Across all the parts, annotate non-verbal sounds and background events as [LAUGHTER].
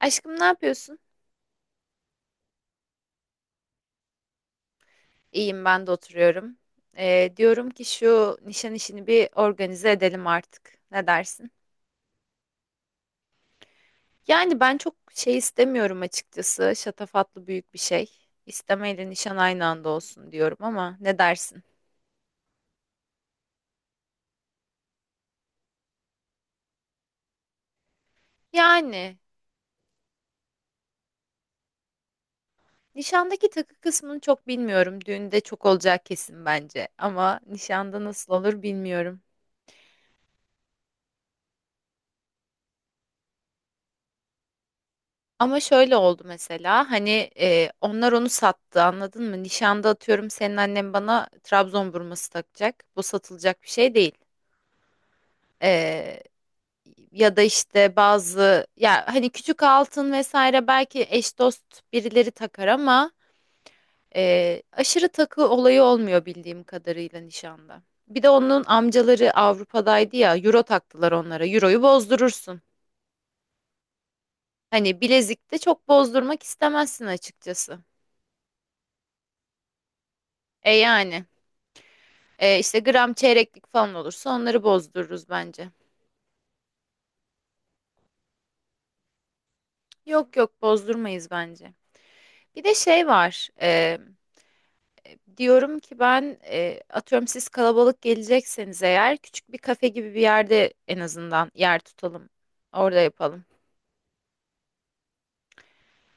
Aşkım ne yapıyorsun? İyiyim ben de oturuyorum. Diyorum ki şu nişan işini bir organize edelim artık. Ne dersin? Yani ben çok şey istemiyorum açıkçası. Şatafatlı büyük bir şey. İstemeyle nişan aynı anda olsun diyorum ama ne dersin? Yani nişandaki takı kısmını çok bilmiyorum. Düğünde çok olacak kesin bence. Ama nişanda nasıl olur bilmiyorum. Ama şöyle oldu mesela hani onlar onu sattı anladın mı? Nişanda atıyorum senin annen bana Trabzon burması takacak. Bu satılacak bir şey değil. E, Ya da işte bazı ya hani küçük altın vesaire belki eş dost birileri takar ama aşırı takı olayı olmuyor bildiğim kadarıyla nişanda. Bir de onun amcaları Avrupa'daydı ya euro taktılar onlara. Euroyu bozdurursun. Hani bilezikte çok bozdurmak istemezsin açıkçası. E yani. İşte gram çeyreklik falan olursa onları bozdururuz bence. Yok yok bozdurmayız bence. Bir de şey var. Diyorum ki ben, atıyorum siz kalabalık gelecekseniz eğer, küçük bir kafe gibi bir yerde en azından yer tutalım. Orada yapalım.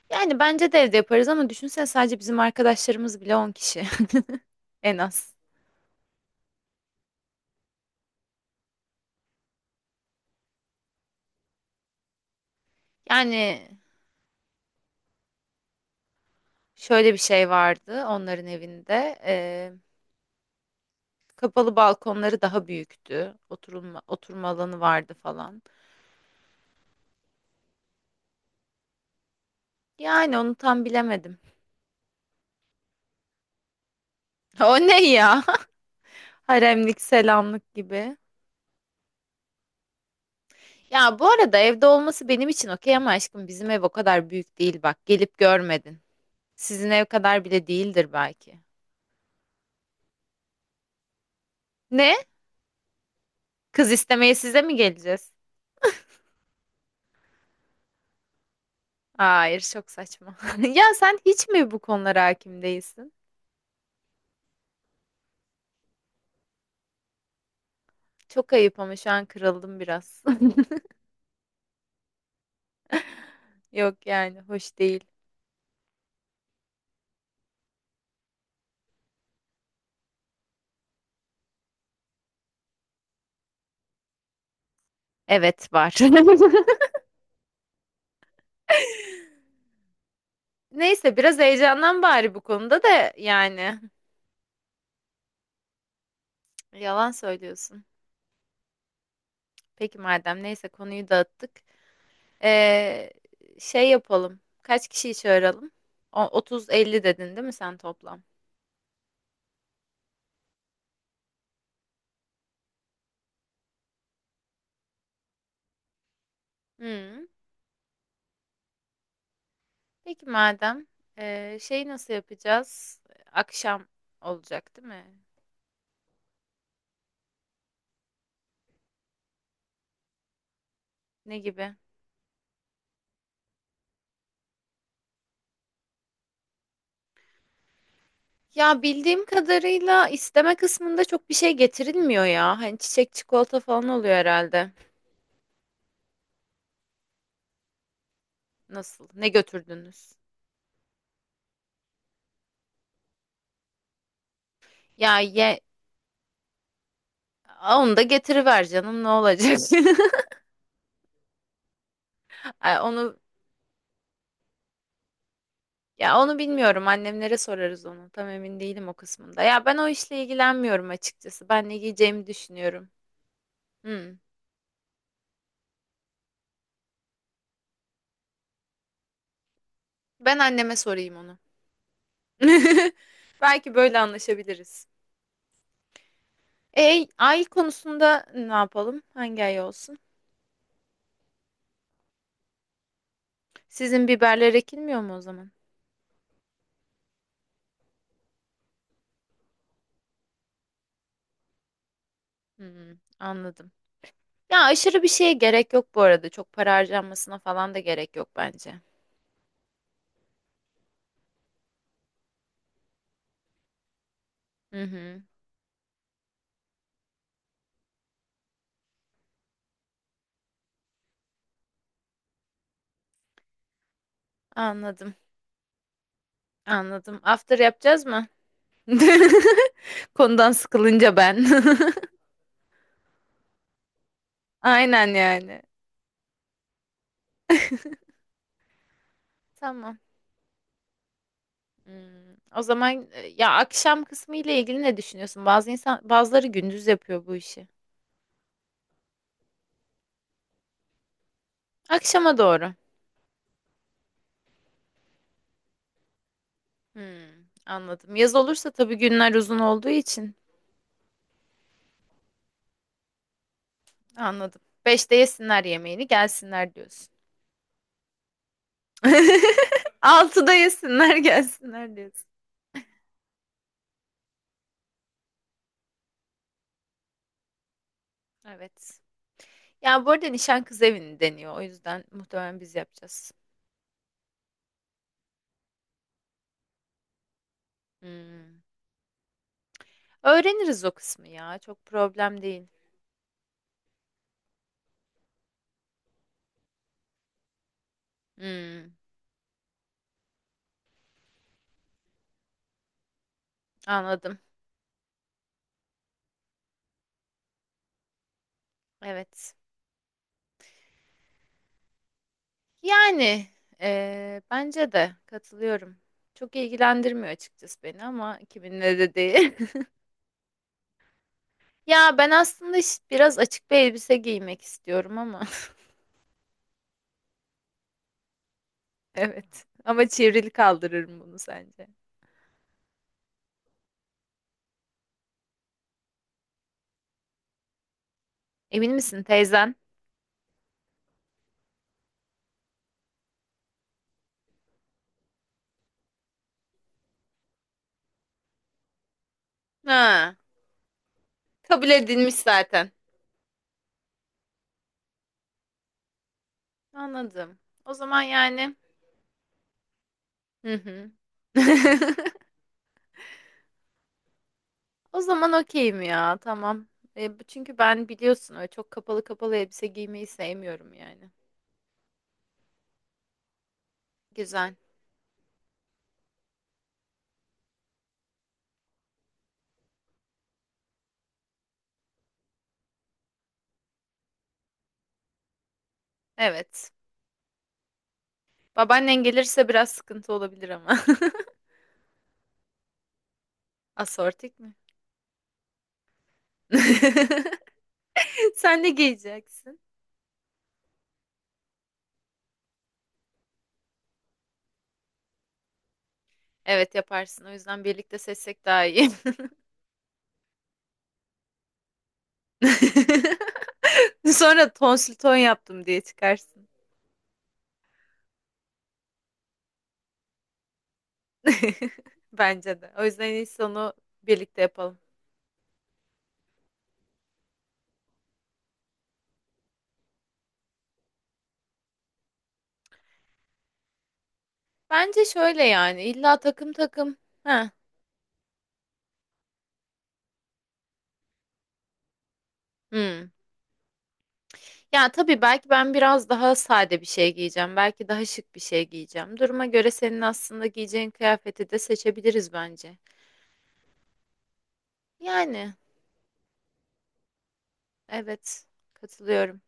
Yani bence de evde yaparız ama düşünsene sadece bizim arkadaşlarımız bile 10 kişi, [LAUGHS] en az. Yani şöyle bir şey vardı onların evinde. Kapalı balkonları daha büyüktü. Oturulma, oturma alanı vardı falan. Yani onu tam bilemedim. [LAUGHS] O ne ya? [LAUGHS] Haremlik, selamlık gibi. Ya bu arada evde olması benim için okey ama aşkım bizim ev o kadar büyük değil bak. Gelip görmedin. Sizin ev kadar bile değildir belki. Ne? Kız istemeye size mi geleceğiz? Hayır, çok saçma. [LAUGHS] Ya sen hiç mi bu konulara hakim değilsin? Çok ayıp ama şu an kırıldım biraz. [LAUGHS] Yok yani hoş değil. Evet var. [LAUGHS] Neyse biraz heyecandan bari bu konuda da yani. Yalan söylüyorsun. Peki madem neyse konuyu dağıttık. Ee, Şey yapalım. Kaç kişiyi çağıralım? 30-50 dedin değil mi sen toplam? Hmm. Peki madem, şey nasıl yapacağız? Akşam olacak değil mi? Ne gibi? Ya bildiğim kadarıyla isteme kısmında çok bir şey getirilmiyor ya. Hani çiçek çikolata falan oluyor herhalde. Nasıl? Ne götürdünüz? Ya ye Aa, onu da getiriver canım ne olacak? [LAUGHS] Ay, ya onu bilmiyorum. Annemlere sorarız onu. Tam emin değilim o kısmında. Ya ben o işle ilgilenmiyorum açıkçası. Ben ne giyeceğimi düşünüyorum. Hmm. Ben anneme sorayım onu. [LAUGHS] Belki böyle anlaşabiliriz. Ay konusunda ne yapalım? Hangi ay olsun? Sizin biberler ekilmiyor mu o zaman? Hmm, anladım. Ya aşırı bir şeye gerek yok bu arada. Çok para harcanmasına falan da gerek yok bence. Hı hı. Anladım. Anladım. After yapacağız mı? [LAUGHS] Konudan sıkılınca ben. [LAUGHS] Aynen yani. Tamam. Hmm, o zaman, ya akşam kısmı ile ilgili ne düşünüyorsun? Bazı insan bazıları gündüz yapıyor bu işi. Akşama doğru. Hmm, anladım. Yaz olursa tabii günler uzun olduğu için anladım. 5'te yesinler yemeğini gelsinler diyorsun. [LAUGHS] 6'da yesinler gelsinler diyorsun. Evet. Ya bu arada nişan kız evini deniyor. O yüzden muhtemelen biz yapacağız. Hmm. Öğreniriz o kısmı ya. Çok problem değil. Hmm, anladım. Evet. Yani, bence de katılıyorum. Çok ilgilendirmiyor açıkçası beni ama kiminle de değil. [LAUGHS] Ya ben aslında işte biraz açık bir elbise giymek istiyorum ama. [LAUGHS] Evet. Ama çevrili kaldırırım bunu sence. Emin misin teyzen? Ha, kabul edilmiş zaten. Anladım. O zaman yani. Hı hı. [LAUGHS] O zaman okeyim ya, tamam. Çünkü ben biliyorsun öyle çok kapalı kapalı elbise giymeyi sevmiyorum yani. Güzel. Evet. Babaannen gelirse biraz sıkıntı olabilir ama. [LAUGHS] Asortik mi? [LAUGHS] Sen ne giyeceksin? Evet yaparsın. O yüzden birlikte seçsek daha iyi. [LAUGHS] Sonra tonsil ton yaptım diye çıkarsın. [LAUGHS] Bence de. O yüzden en iyisi onu birlikte yapalım. Bence şöyle yani illa takım takım. Ha. Hmm. Ya tabii belki ben biraz daha sade bir şey giyeceğim. Belki daha şık bir şey giyeceğim. Duruma göre senin aslında giyeceğin kıyafeti de seçebiliriz bence. Yani. Evet, katılıyorum.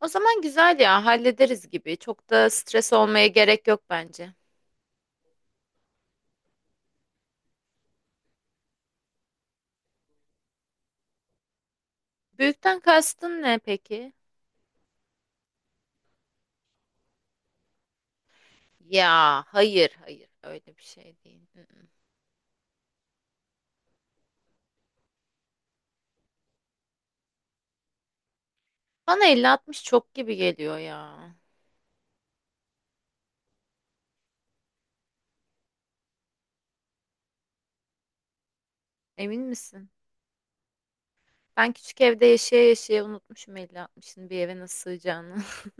O zaman güzel ya, hallederiz gibi. Çok da stres olmaya gerek yok bence. Büyükten kastın ne peki? Ya hayır hayır öyle bir şey değil. Mm. Mm. Bana 50-60 çok gibi geliyor ya. Emin misin? Ben küçük evde yaşaya yaşaya unutmuşum 50-60'ın bir eve nasıl sığacağını. [LAUGHS]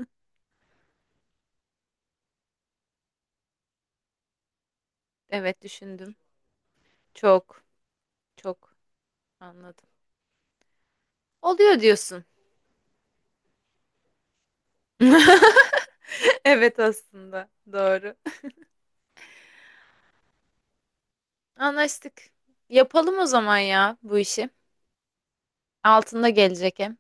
Evet düşündüm. Çok çok anladım. Oluyor diyorsun. [LAUGHS] Evet aslında doğru. Anlaştık. Yapalım o zaman ya bu işi. Altında gelecek hem.